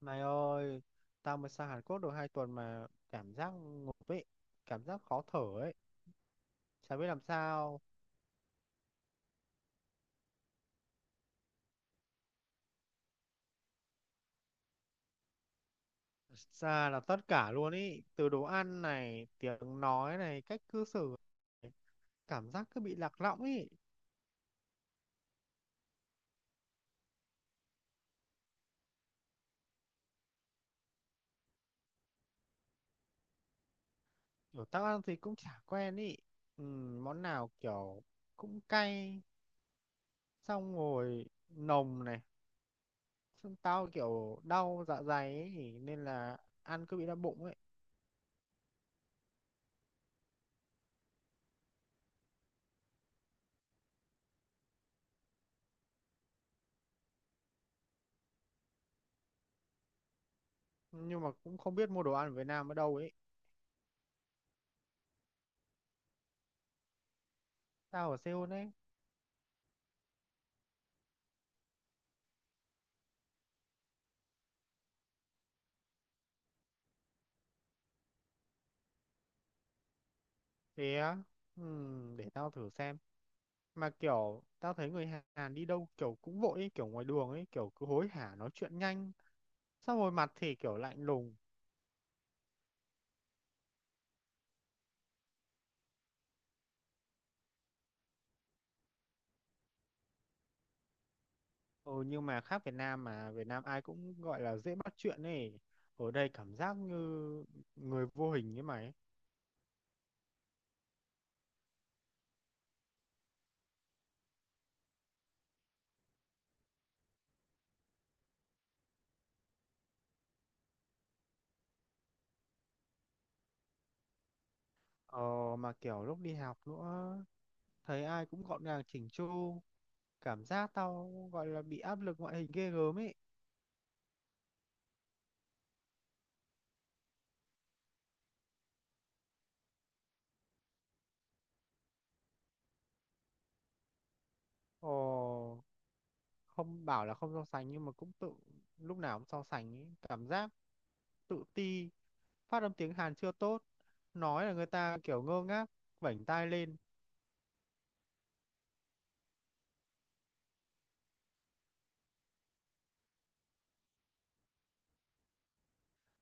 Này ơi, tao mới sang Hàn Quốc được 2 tuần mà cảm giác ngộp ấy, cảm giác khó thở ấy, chả biết làm sao. Ra là tất cả luôn ý, từ đồ ăn này, tiếng nói này, cách cư xử này, cảm giác cứ bị lạc lõng ý. Kiểu tao ăn thì cũng chả quen ý. Ừ, món nào kiểu cũng cay, xong rồi nồng này, xong tao kiểu đau dạ dày ấy, nên là ăn cứ bị đau bụng ấy. Nhưng mà cũng không biết mua đồ ăn ở Việt Nam ở đâu ấy. Tao ở Seoul ấy. Thế á? Ừ, để tao thử xem. Mà kiểu tao thấy người Hàn đi đâu kiểu cũng vội ấy, kiểu ngoài đường ấy kiểu cứ hối hả nói chuyện nhanh, xong rồi mặt thì kiểu lạnh lùng. Ừ, nhưng mà khác Việt Nam. Mà Việt Nam ai cũng gọi là dễ bắt chuyện ấy, ở đây cảm giác như người vô hình ấy mày ấy. Ờ, mà kiểu lúc đi học nữa, thấy ai cũng gọn gàng chỉnh chu, cảm giác tao gọi là bị áp lực ngoại hình ghê gớm ấy. Ồ, không bảo là không so sánh nhưng mà cũng tự lúc nào cũng so sánh ý. Cảm giác tự ti, phát âm tiếng Hàn chưa tốt, nói là người ta kiểu ngơ ngác vểnh tai lên.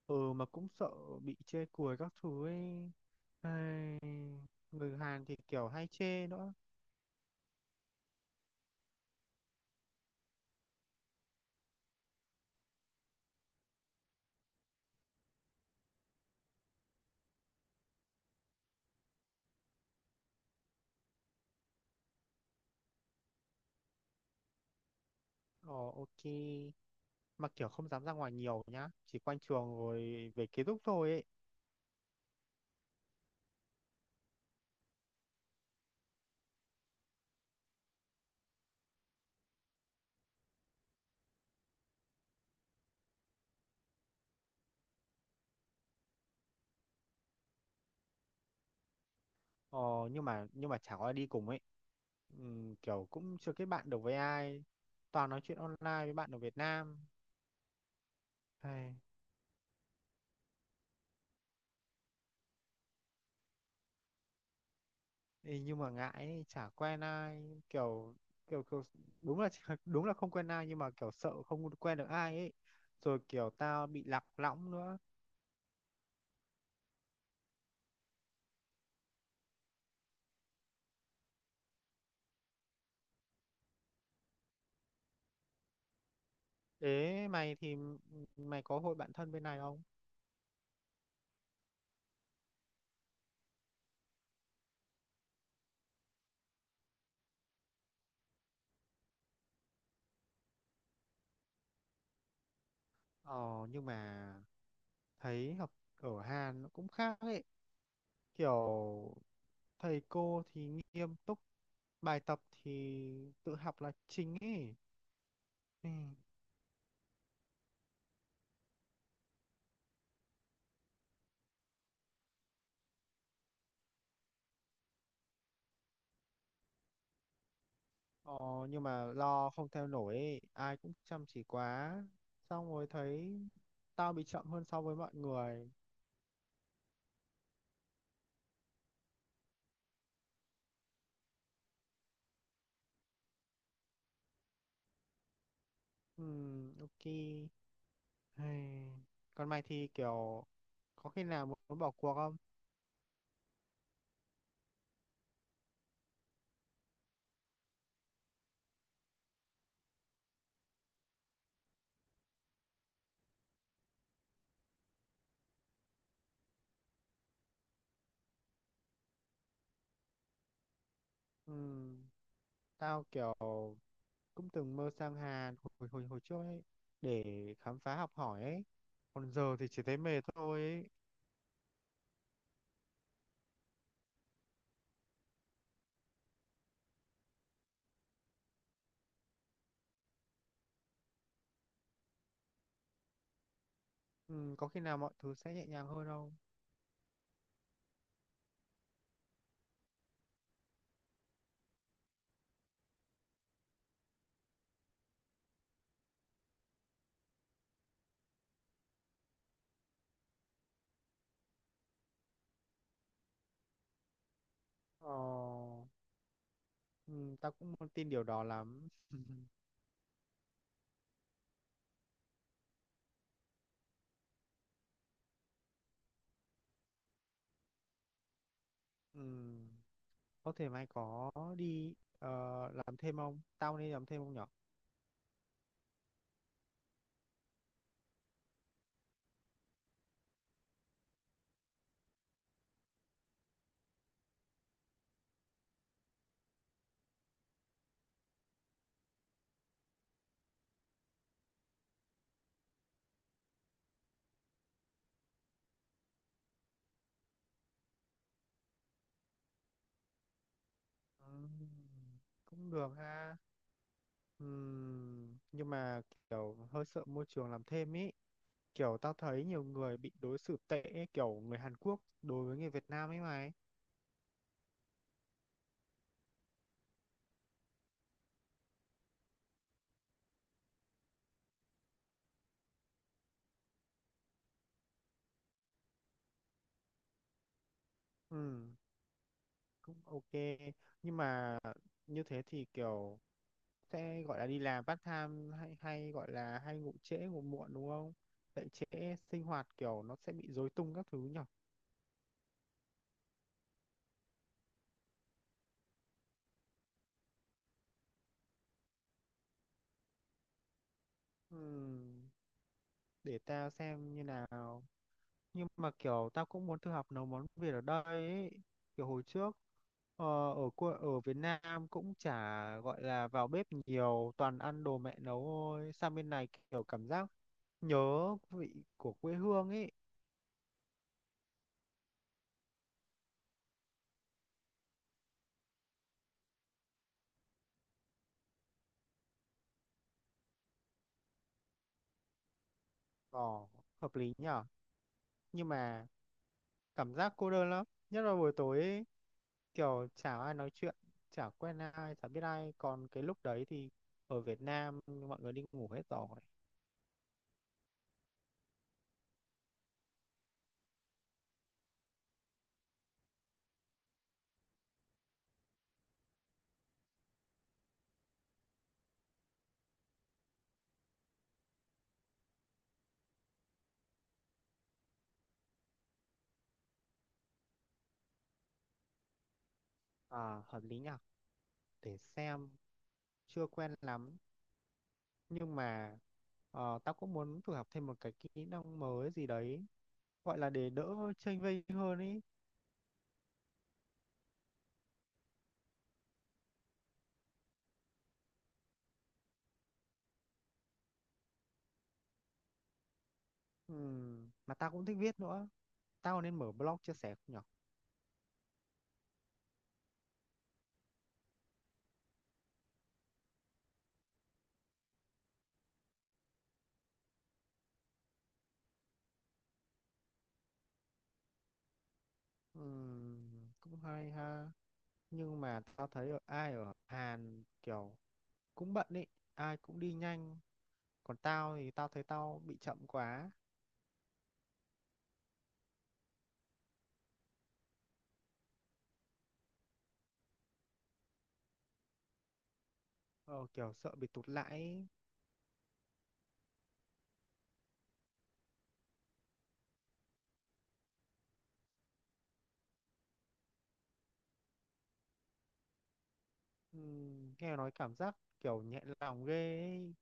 Ừ, mà cũng sợ bị chê cười các thứ ấy. Ai, người Hàn thì kiểu hay chê nữa. Ồ, ok. Mà kiểu không dám ra ngoài nhiều nhá, chỉ quanh trường rồi về ký túc thôi ấy. Ờ, nhưng mà chẳng có ai đi cùng ấy. Kiểu cũng chưa kết bạn được với ai, toàn nói chuyện online với bạn ở Việt Nam. Hay. Ê, nhưng mà ngại ấy, chả quen ai kiểu, kiểu kiểu đúng là đúng là không quen ai, nhưng mà kiểu sợ không quen được ai ấy, rồi kiểu tao bị lạc lõng nữa. Ế, mày thì mày có hội bạn thân bên này không? Ờ, nhưng mà thấy học ở Hàn nó cũng khác ấy, kiểu thầy cô thì nghiêm túc, bài tập thì tự học là chính ấy. Ừ. Ờ, nhưng mà lo không theo nổi ấy. Ai cũng chăm chỉ quá, xong rồi thấy tao bị chậm hơn so với mọi người. Ok. Hay. Còn mày thì kiểu có khi nào muốn bỏ cuộc không? Ừm, Tao kiểu cũng từng mơ sang Hàn hồi hồi hồi trước ấy, để khám phá học hỏi ấy. Còn giờ thì chỉ thấy mệt thôi ấy. Ừ, có khi nào mọi thứ sẽ nhẹ nhàng hơn không? Ờ, ừ, tao cũng không tin điều đó lắm. Ừ, có thể mày có đi làm thêm không, tao nên làm thêm không nhở? Ừ, cũng được ha. Ừ, nhưng mà kiểu hơi sợ môi trường làm thêm ý, kiểu tao thấy nhiều người bị đối xử tệ ấy, kiểu người Hàn Quốc đối với người Việt Nam ấy mày. Ừ, cũng ok. Nhưng mà như thế thì kiểu sẽ gọi là đi làm part time hay hay gọi là hay ngủ trễ, ngủ muộn đúng không, dậy trễ sinh hoạt kiểu nó sẽ bị rối tung các thứ nhở? Ừ, để tao xem như nào. Nhưng mà kiểu tao cũng muốn thử học nấu món Việt ở đây ấy. Kiểu hồi trước ờ, ở Việt Nam cũng chả gọi là vào bếp nhiều, toàn ăn đồ mẹ nấu thôi. Sang bên này kiểu cảm giác nhớ vị của quê hương ấy. Ờ, hợp lý nhở. Nhưng mà cảm giác cô đơn lắm, nhất là buổi tối ấy, kiểu chả ai nói chuyện, chả quen ai, chả biết ai, còn cái lúc đấy thì ở Việt Nam mọi người đi ngủ hết rồi. À, hợp lý nhở. Để xem, chưa quen lắm. Nhưng mà tao cũng muốn thử học thêm một cái kỹ năng mới gì đấy, gọi là để đỡ chênh vênh hơn ý. Mà tao cũng thích viết nữa, tao nên mở blog chia sẻ không nhở? Cũng hay ha. Nhưng mà tao thấy ở ai ở Hàn kiểu cũng bận ý, ai cũng đi nhanh. Còn tao thì tao thấy tao bị chậm quá. Ờ, kiểu sợ bị tụt lại ý. Nghe nói cảm giác kiểu nhẹ lòng ghê ý.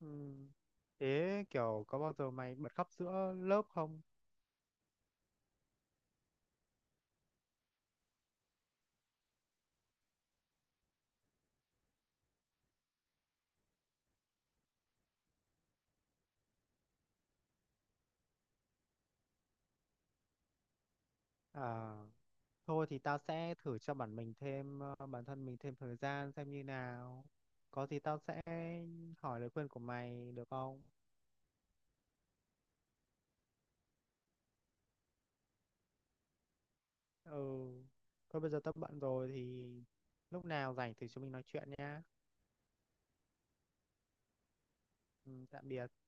Ừ. Thế kiểu có bao giờ mày bật khóc giữa lớp không? À, thôi thì tao sẽ thử cho bản thân mình thêm thời gian xem như nào. Có gì tao sẽ hỏi lời khuyên của mày được không? Ừ. Thôi bây giờ tao bận rồi thì lúc nào rảnh thì chúng mình nói chuyện nhá. Ừ, tạm biệt.